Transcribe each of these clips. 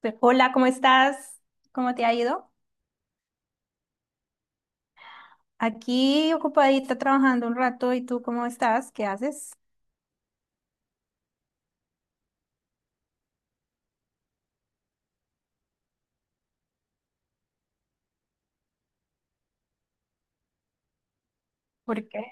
Hola, ¿cómo estás? ¿Cómo te ha ido? Aquí ocupadita trabajando un rato, ¿y tú cómo estás? ¿Qué haces? ¿Por qué?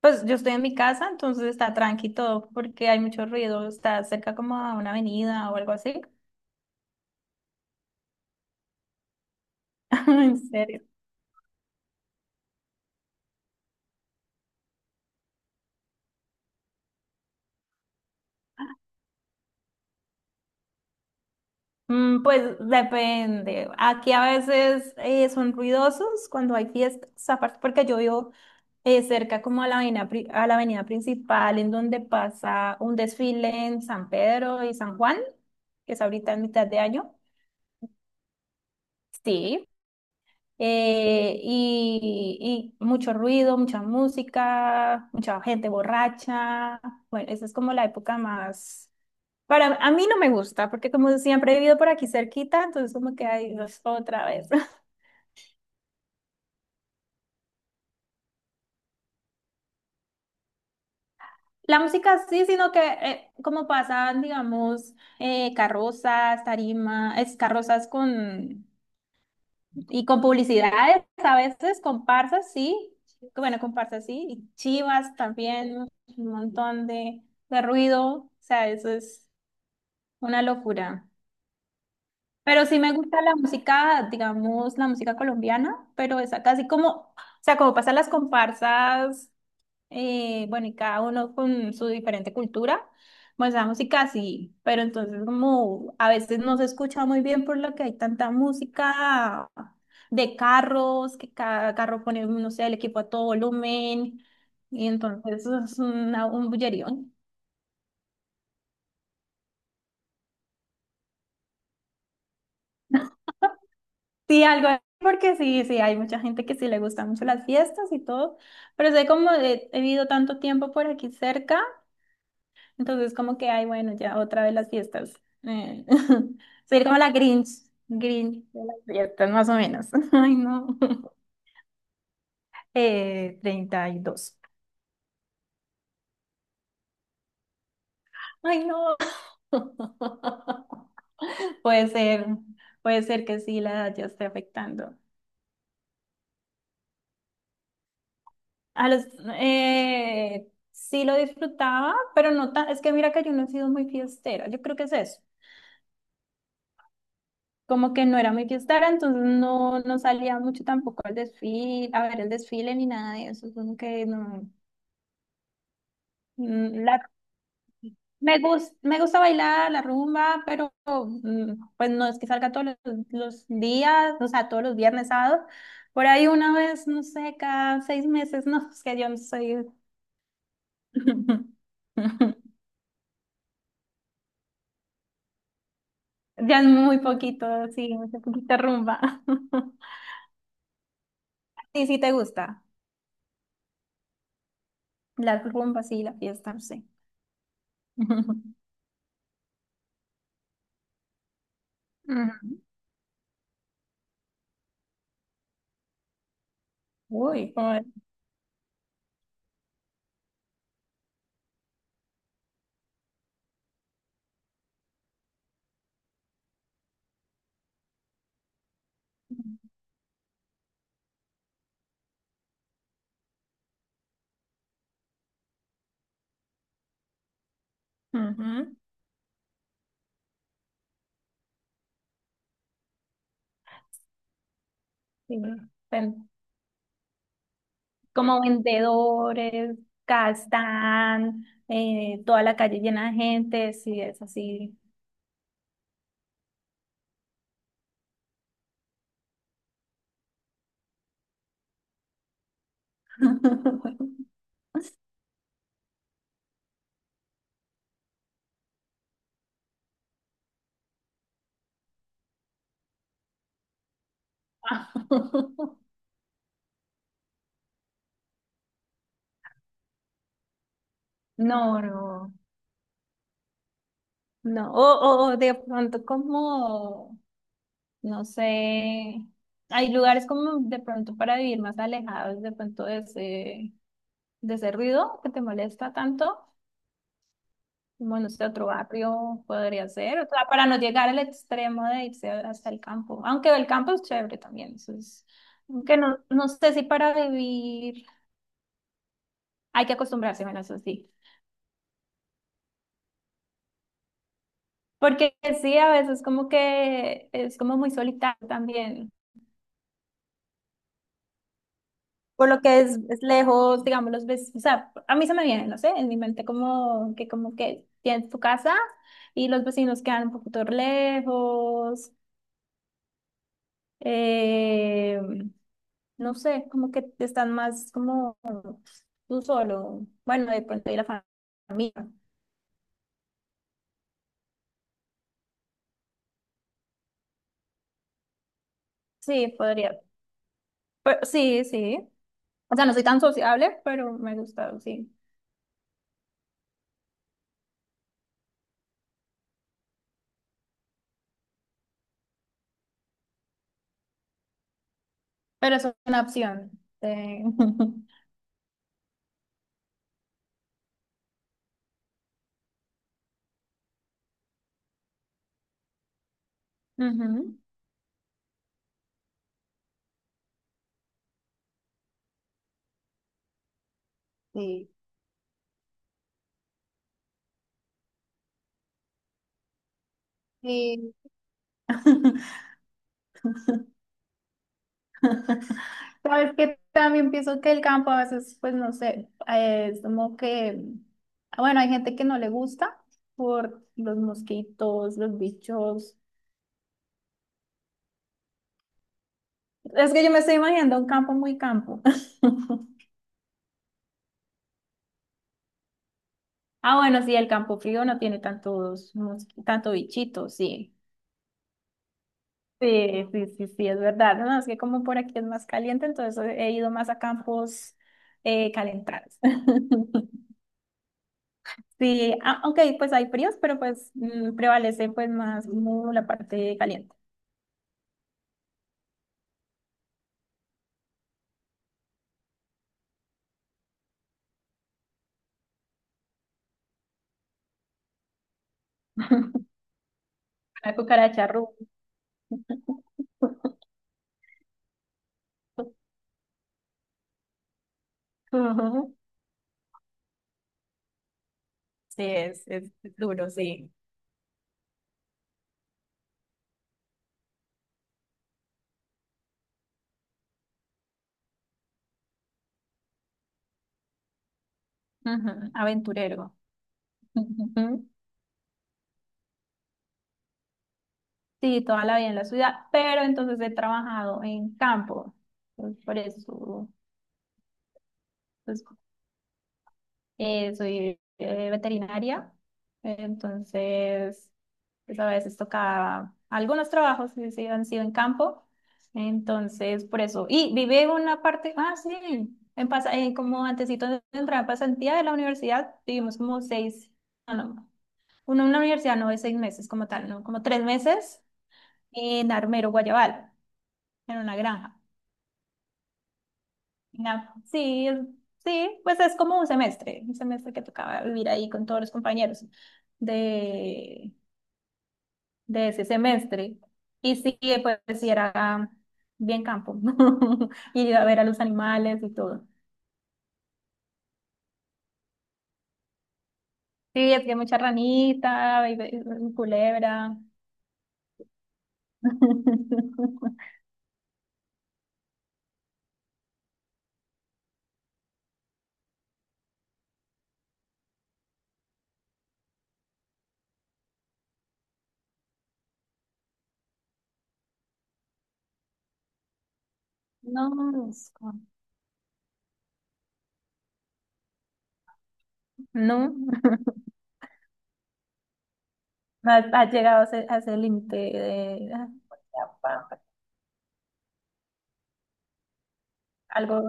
Pues yo estoy en mi casa, entonces está tranqui todo, porque hay mucho ruido, está cerca como a una avenida o algo así. En serio. Mm, pues depende. Aquí a veces son ruidosos cuando hay fiestas, aparte porque yo vivo cerca como a la avenida, a la avenida principal en donde pasa un desfile en San Pedro y San Juan, que es ahorita en mitad de año. Sí. Y mucho ruido, mucha música, mucha gente borracha. Bueno, esa es como la época más para a mí no me gusta, porque como siempre he vivido por aquí cerquita, entonces como que hay otra vez. La música sí, sino que como pasan, digamos, carrozas, tarima, es carrozas con y con publicidades, a veces comparsas, sí. Bueno, comparsas sí, y chivas también, un montón de ruido, o sea, eso es una locura. Pero sí me gusta la música, digamos, la música colombiana, pero es casi como, o sea, como pasan las comparsas, bueno, y cada uno con su diferente cultura, pues la música sí, pero entonces como a veces no se escucha muy bien por lo que hay tanta música de carros, que cada carro pone, no sé, el equipo a todo volumen, y entonces es una, un bullerío. Sí, algo así, porque sí, sí, hay mucha gente que sí le gustan mucho las fiestas y todo, pero sé como he vivido tanto tiempo por aquí cerca, entonces como que, ay, bueno, ya otra vez las fiestas. Eh, Soy como la Grinch, Grinch de las fiestas, más o menos. Ay, no. 32. Ay, no. Puede ser, puede ser que sí, la edad ya esté afectando. A los, sí lo disfrutaba, pero no tan, es que mira que yo no he sido muy fiestera, yo creo que es eso, como que no era muy fiestera, entonces no salía mucho tampoco al desfile, a ver el desfile ni nada de eso, como que no, mm, la, me gusta bailar la rumba, pero pues no es que salga todos los días, o sea, todos los viernes, sábados, por ahí una vez, no sé, cada 6 meses, no, es que yo no soy... Ya es muy poquito, sí, muy poquita rumba. Sí, sí te gusta. La rumba, sí, la fiesta, sí. Ujú. Uy, como, ujú, sí. Ven- Como vendedores, gastan, toda la calle llena de gente, sí, es así. No, no, no. O de pronto como no sé, hay lugares como de pronto para vivir más alejados de pronto de ese, ruido que te molesta tanto, como no sé, otro barrio podría ser, o sea, para no llegar al extremo de irse hasta el campo, aunque el campo es chévere también, eso es, aunque no, no sé si para vivir hay que acostumbrarse, bueno, eso sí, porque sí, a veces como que es como muy solitario también. Por lo que es lejos, digamos, los ves, o sea, a mí se me viene, no sé, en mi mente como que tienes tu casa y los vecinos quedan un poquito lejos, eh, no sé, como que están más como tú solo, bueno, de pronto y la familia. Sí, podría, pero, sí, sí. O sea, no soy tan sociable, pero me gusta, sí. Pero es una opción. Sí. Ujú. Sí. Sí. Sabes que también pienso que el campo a veces, pues no sé, es como que, ah, bueno, hay gente que no le gusta por los mosquitos, los bichos. Es que yo me estoy imaginando un campo muy campo. Ah, bueno, sí, el campo frío no tiene tanto bichito, sí. Sí, sí, sí, sí, es verdad. No, es que como por aquí es más caliente, entonces he ido más a campos calentados. Sí, ah, ok, pues hay fríos, pero pues prevalece pues más como la parte caliente. La cucaracha rusa. Ujú, sí, es duro, sí. Ujú, aventurero. Ujú. Sí, toda la vida en la ciudad, pero entonces he trabajado en campo. Entonces, por eso, pues soy veterinaria, entonces pues a veces tocaba algunos trabajos sí, sí, han sido en campo, entonces por eso. Y viví una parte, ah, sí, en como antesito de entrar a pasantía de la universidad, vivimos como seis, no, no, uno en la universidad no es 6 meses como tal, no, como 3 meses en Armero, Guayabal, en una granja. Sí, sí, pues es como un semestre que tocaba vivir ahí con todos los compañeros de, de ese semestre. Y sí, pues sí era bien campo. Y iba a ver a los animales y todo. Sí, es que mucha ranita, y culebra. No, molusco. No. Has llegado a ese, límite de algo.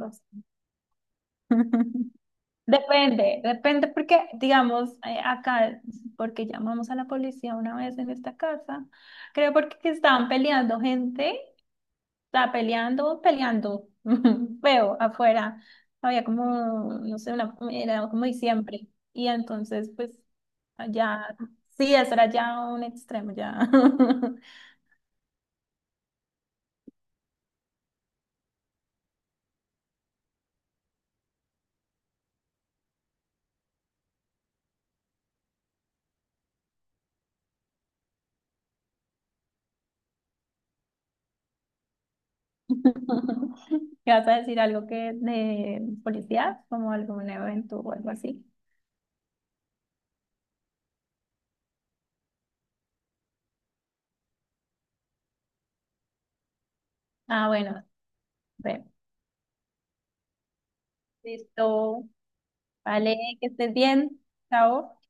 Depende, depende porque, digamos, acá, porque llamamos a la policía una vez en esta casa, creo porque que estaban peleando gente, estaba peleando, peleando, feo, afuera, había como, no sé, una, era como diciembre, y entonces, pues, allá, sí, eso era ya un extremo, ya. ¿Qué vas a decir algo que de policía, como algún evento o algo así? Ah, bueno, ve, listo. Vale, que estés bien. Chao.